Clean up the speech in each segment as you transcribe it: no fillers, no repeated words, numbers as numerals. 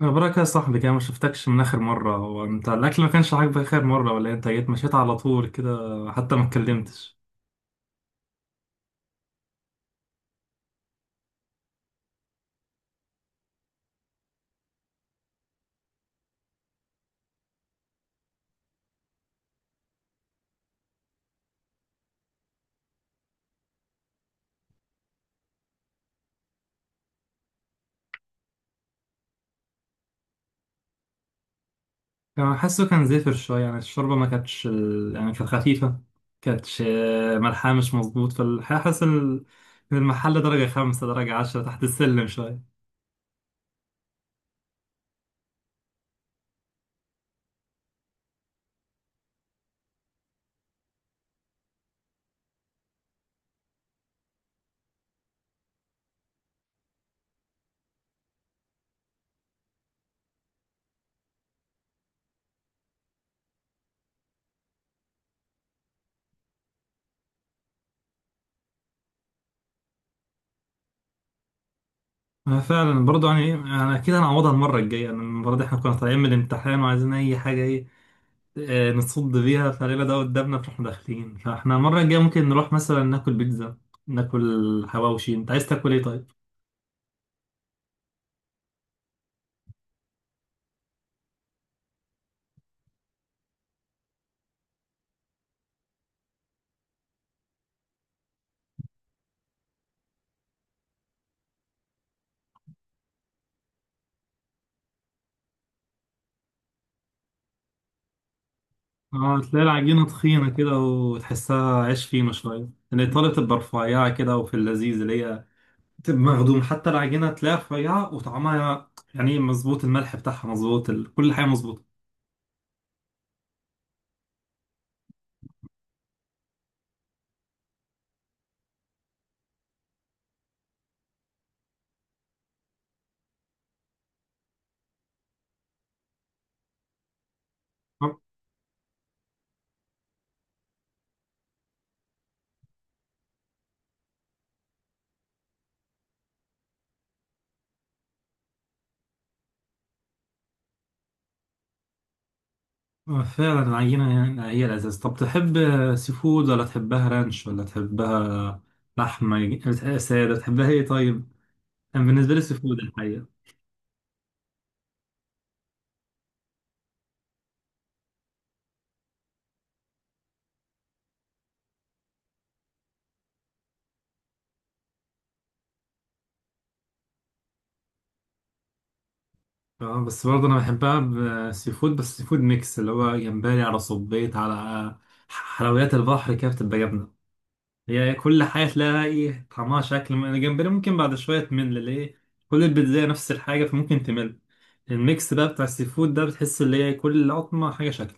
مبروك يا صاحبي كده، ما شفتكش من اخر مره. هو انت الاكل ما كانش عاجبك اخر مره ولا إيه؟ انت جيت مشيت على طول كده، حتى ما اتكلمتش. كان زفر شويه، يعني الشوربه ما كانتش يعني كانت خفيفه، كانتش. ملحها مش مظبوط، فحاسس إن المحل درجه خمسة درجه 10 تحت السلم شويه. أنا فعلا برضو، يعني انا كده هنعوضها المره الجايه، يعني المره دي احنا كنا طالعين من الامتحان وعايزين اي حاجه، إيه آه، نصد بيها. فليلة ده قدامنا، فاحنا داخلين. فاحنا المرة الجاية ممكن نروح مثلا ناكل بيتزا، ناكل حواوشي. انت عايز تاكل ايه طيب؟ اه، تلاقي العجينة تخينة كده وتحسها عيش فينو شوية. الإيطالية تبقى رفيعة كده، وفي اللذيذ اللي هي تبقى مخدوم، حتى العجينة تلاقيها رفيعة وطعمها يعني مظبوط، الملح بتاعها مظبوط، كل حاجة مظبوطة. آه، فعلا العجينة يعني هي الأساس. طب تحب سي فود ولا تحبها رانش ولا تحبها لحمة سادة؟ تحبها ايه طيب؟ كان بالنسبة لي سي فود الحقيقة. اه بس برضه انا بحبها بسي فود بس سي فود ميكس، اللي هو جمبري على صبيط على حلويات البحر كده، بتبقى جبنة. هي كل حاجة تلاقيها ايه طعمها شكل، من الجمبري ممكن بعد شوية تمل ليه. كل البيتزا نفس الحاجة فممكن تمل، الميكس بقى بتاع السي فود ده بتحس اللي هي كل لقطمة حاجة شكل.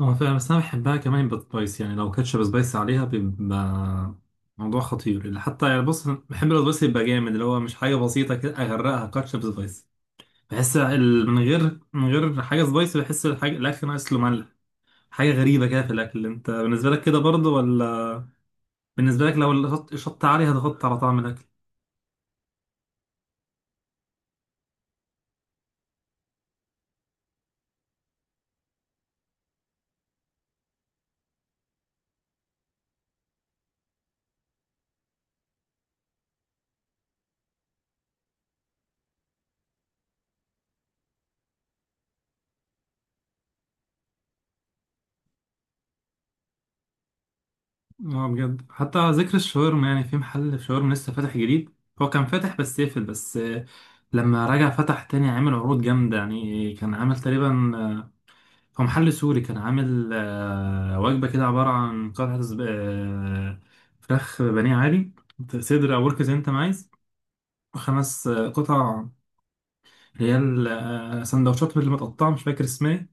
اه فعلا، بس انا بحبها كمان بالسبايس، يعني لو كاتشب سبايس عليها بيبقى موضوع خطير. اللي حتى يعني، بص، بحب السبايس يبقى جامد، اللي هو مش حاجة بسيطة كده اغرقها كاتشب سبايس. بحس من غير حاجه سبايسي بحس الاكل ناقص له ملح، حاجه غريبه كده في الاكل. انت بالنسبه لك كده برضه ولا؟ بالنسبه لك لو الشط عالي هتغطي على طعم الاكل؟ اه بجد، حتى على ذكر الشاورما، يعني في محل شاورما لسه فاتح جديد. هو كان فاتح بس قفل، بس لما رجع فتح تاني عامل عروض جامده، يعني كان عامل تقريبا هو محل سوري، كان عامل وجبه كده عباره عن قطعه فراخ بانيه عادي، صدر او ورك زي انت ما عايز، خمس قطع. هي سندوتشات اللي متقطعة، مش فاكر اسمها ايه،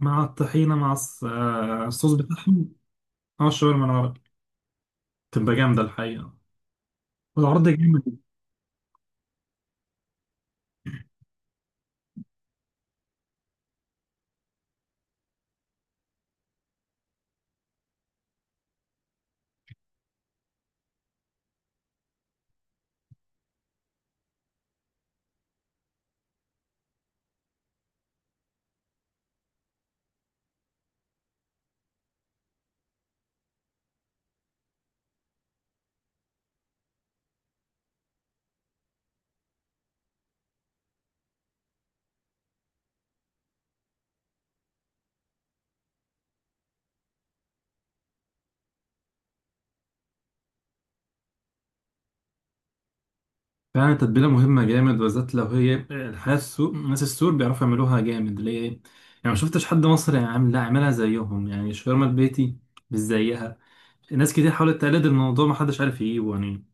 مع الطحينة، مع الصوص بتاعهم. اه الشاورما العربي بتبقى جامدة الحقيقة، والعرض جامد. فعلا التتبيلة مهمة جامد، بالذات لو هي الحياة السوق. ناس السور بيعرفوا يعملوها جامد، ليه يعني؟ ما شفتش حد مصري عامل، لا، عاملها زيهم، يعني الشاورما البيتي مش زيها. ناس كتير حاولت تقلد الموضوع ما حدش عارف يجيبه، يعني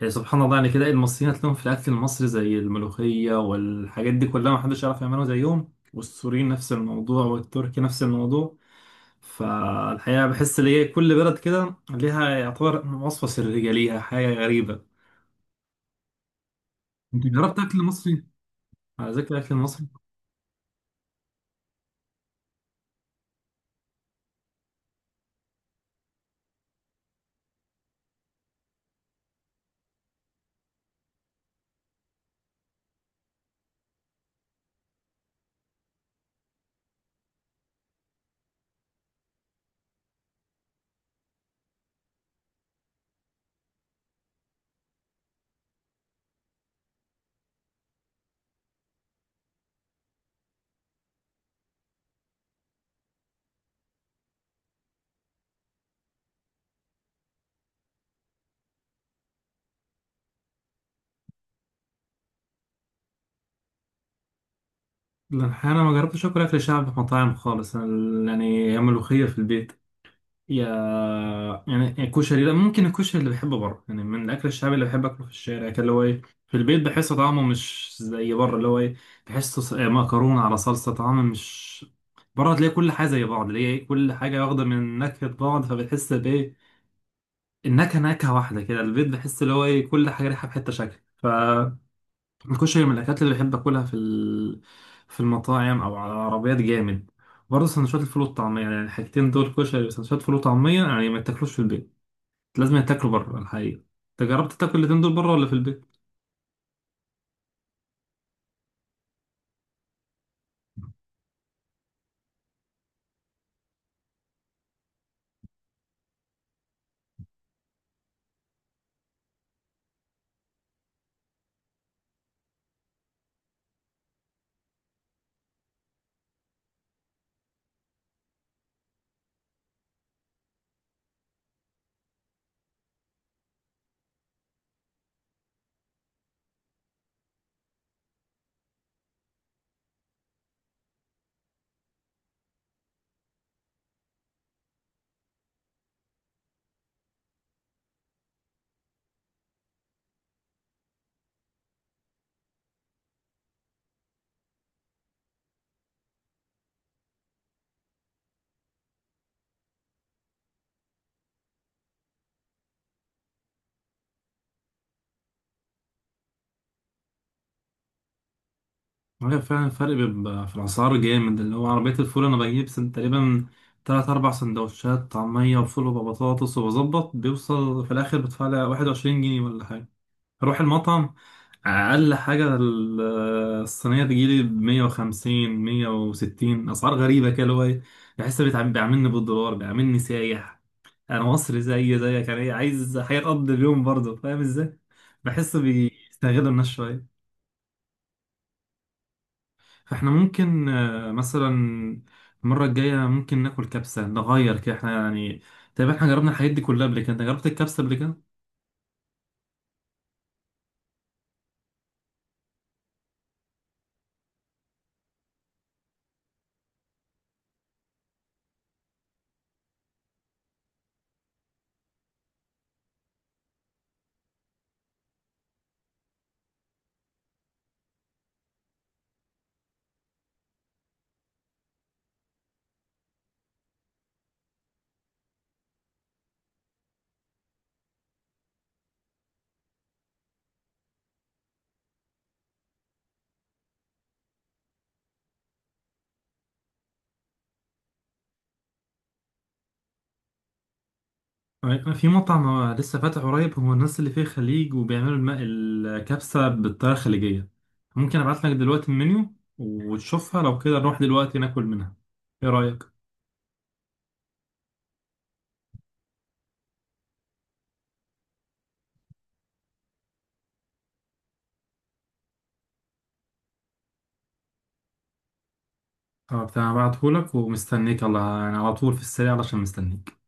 يعني سبحان الله، يعني كده المصريين هتلاقيهم في الاكل المصري زي الملوخيه والحاجات دي كلها ما حدش يعرف يعملها زيهم، والسوريين نفس الموضوع، والتركي نفس الموضوع. فالحقيقه بحس ان هي كل بلد كده ليها يعتبر وصفه سريه ليها، حاجه غريبه. انت جربت اكل مصري؟ على ذكر الاكل المصري. لا، الحقيقة انا ما جربتش اكل شعبي في مطاعم خالص. أنا يعني هي ملوخيه في البيت. يا يعني الكشري، لا، ممكن الكشري اللي بحبه بره، يعني من الاكل الشعبي اللي بحب اكله في الشارع. كان اللي هو ايه في البيت بحس طعمه مش زي بره. اللي هو ايه بحسه مكرونه على صلصه، طعمه مش... بره تلاقي كل حاجه زي بعض، اللي هي إيه، كل حاجه واخده من نكهه بعض فبتحس بايه، النكهه نكهه واحده كده. البيت بحس اللي هو ايه كل حاجه ريحه في حته شكل. الكشري من الأكلات اللي بحب أكلها في في المطاعم أو على عربيات، جامد. برضه سندوتشات الفول والطعمية، يعني الحاجتين دول، كشري وسندوتشات فول وطعمية، يعني ما تاكلوش في البيت، لازم تاكلوا بره الحقيقة. أنت جربت تاكل الاتنين دول بره ولا في البيت؟ هي فعلا الفرق بيبقى في الأسعار جامد. اللي هو عربية الفول أنا بجيب تقريبا تلات أربع سندوتشات طعمية وفول وبطاطس، وبظبط بيوصل في الآخر بدفع لي 21 جنيه ولا حاجة. اروح المطعم اقل حاجه الصينيه تجيلي ب 150 160، اسعار غريبه كده اللي هو ايه. بحس بيعاملني بالدولار، بيعاملني سايح. انا مصري زي زيك، انا عايز حياه اقضي اليوم برضه، فاهم ازاي؟ بحس بيستغلوا الناس شويه. فاحنا ممكن مثلا المره الجايه ممكن ناكل كبسه، نغير كده احنا يعني. تقريبا احنا جربنا الحاجات دي كلها قبل كده. انت جربت الكبسه قبل كده؟ في مطعم لسه فاتح قريب، هو الناس اللي فيه خليج وبيعملوا الكبسة بالطريقة الخليجية. ممكن ابعت لك دلوقتي المنيو وتشوفها، لو كده نروح دلوقتي ناكل منها. ايه رأيك؟ اه بتاع، هبعتهولك ومستنيك، الله. انا على طول في السريع علشان مستنيك.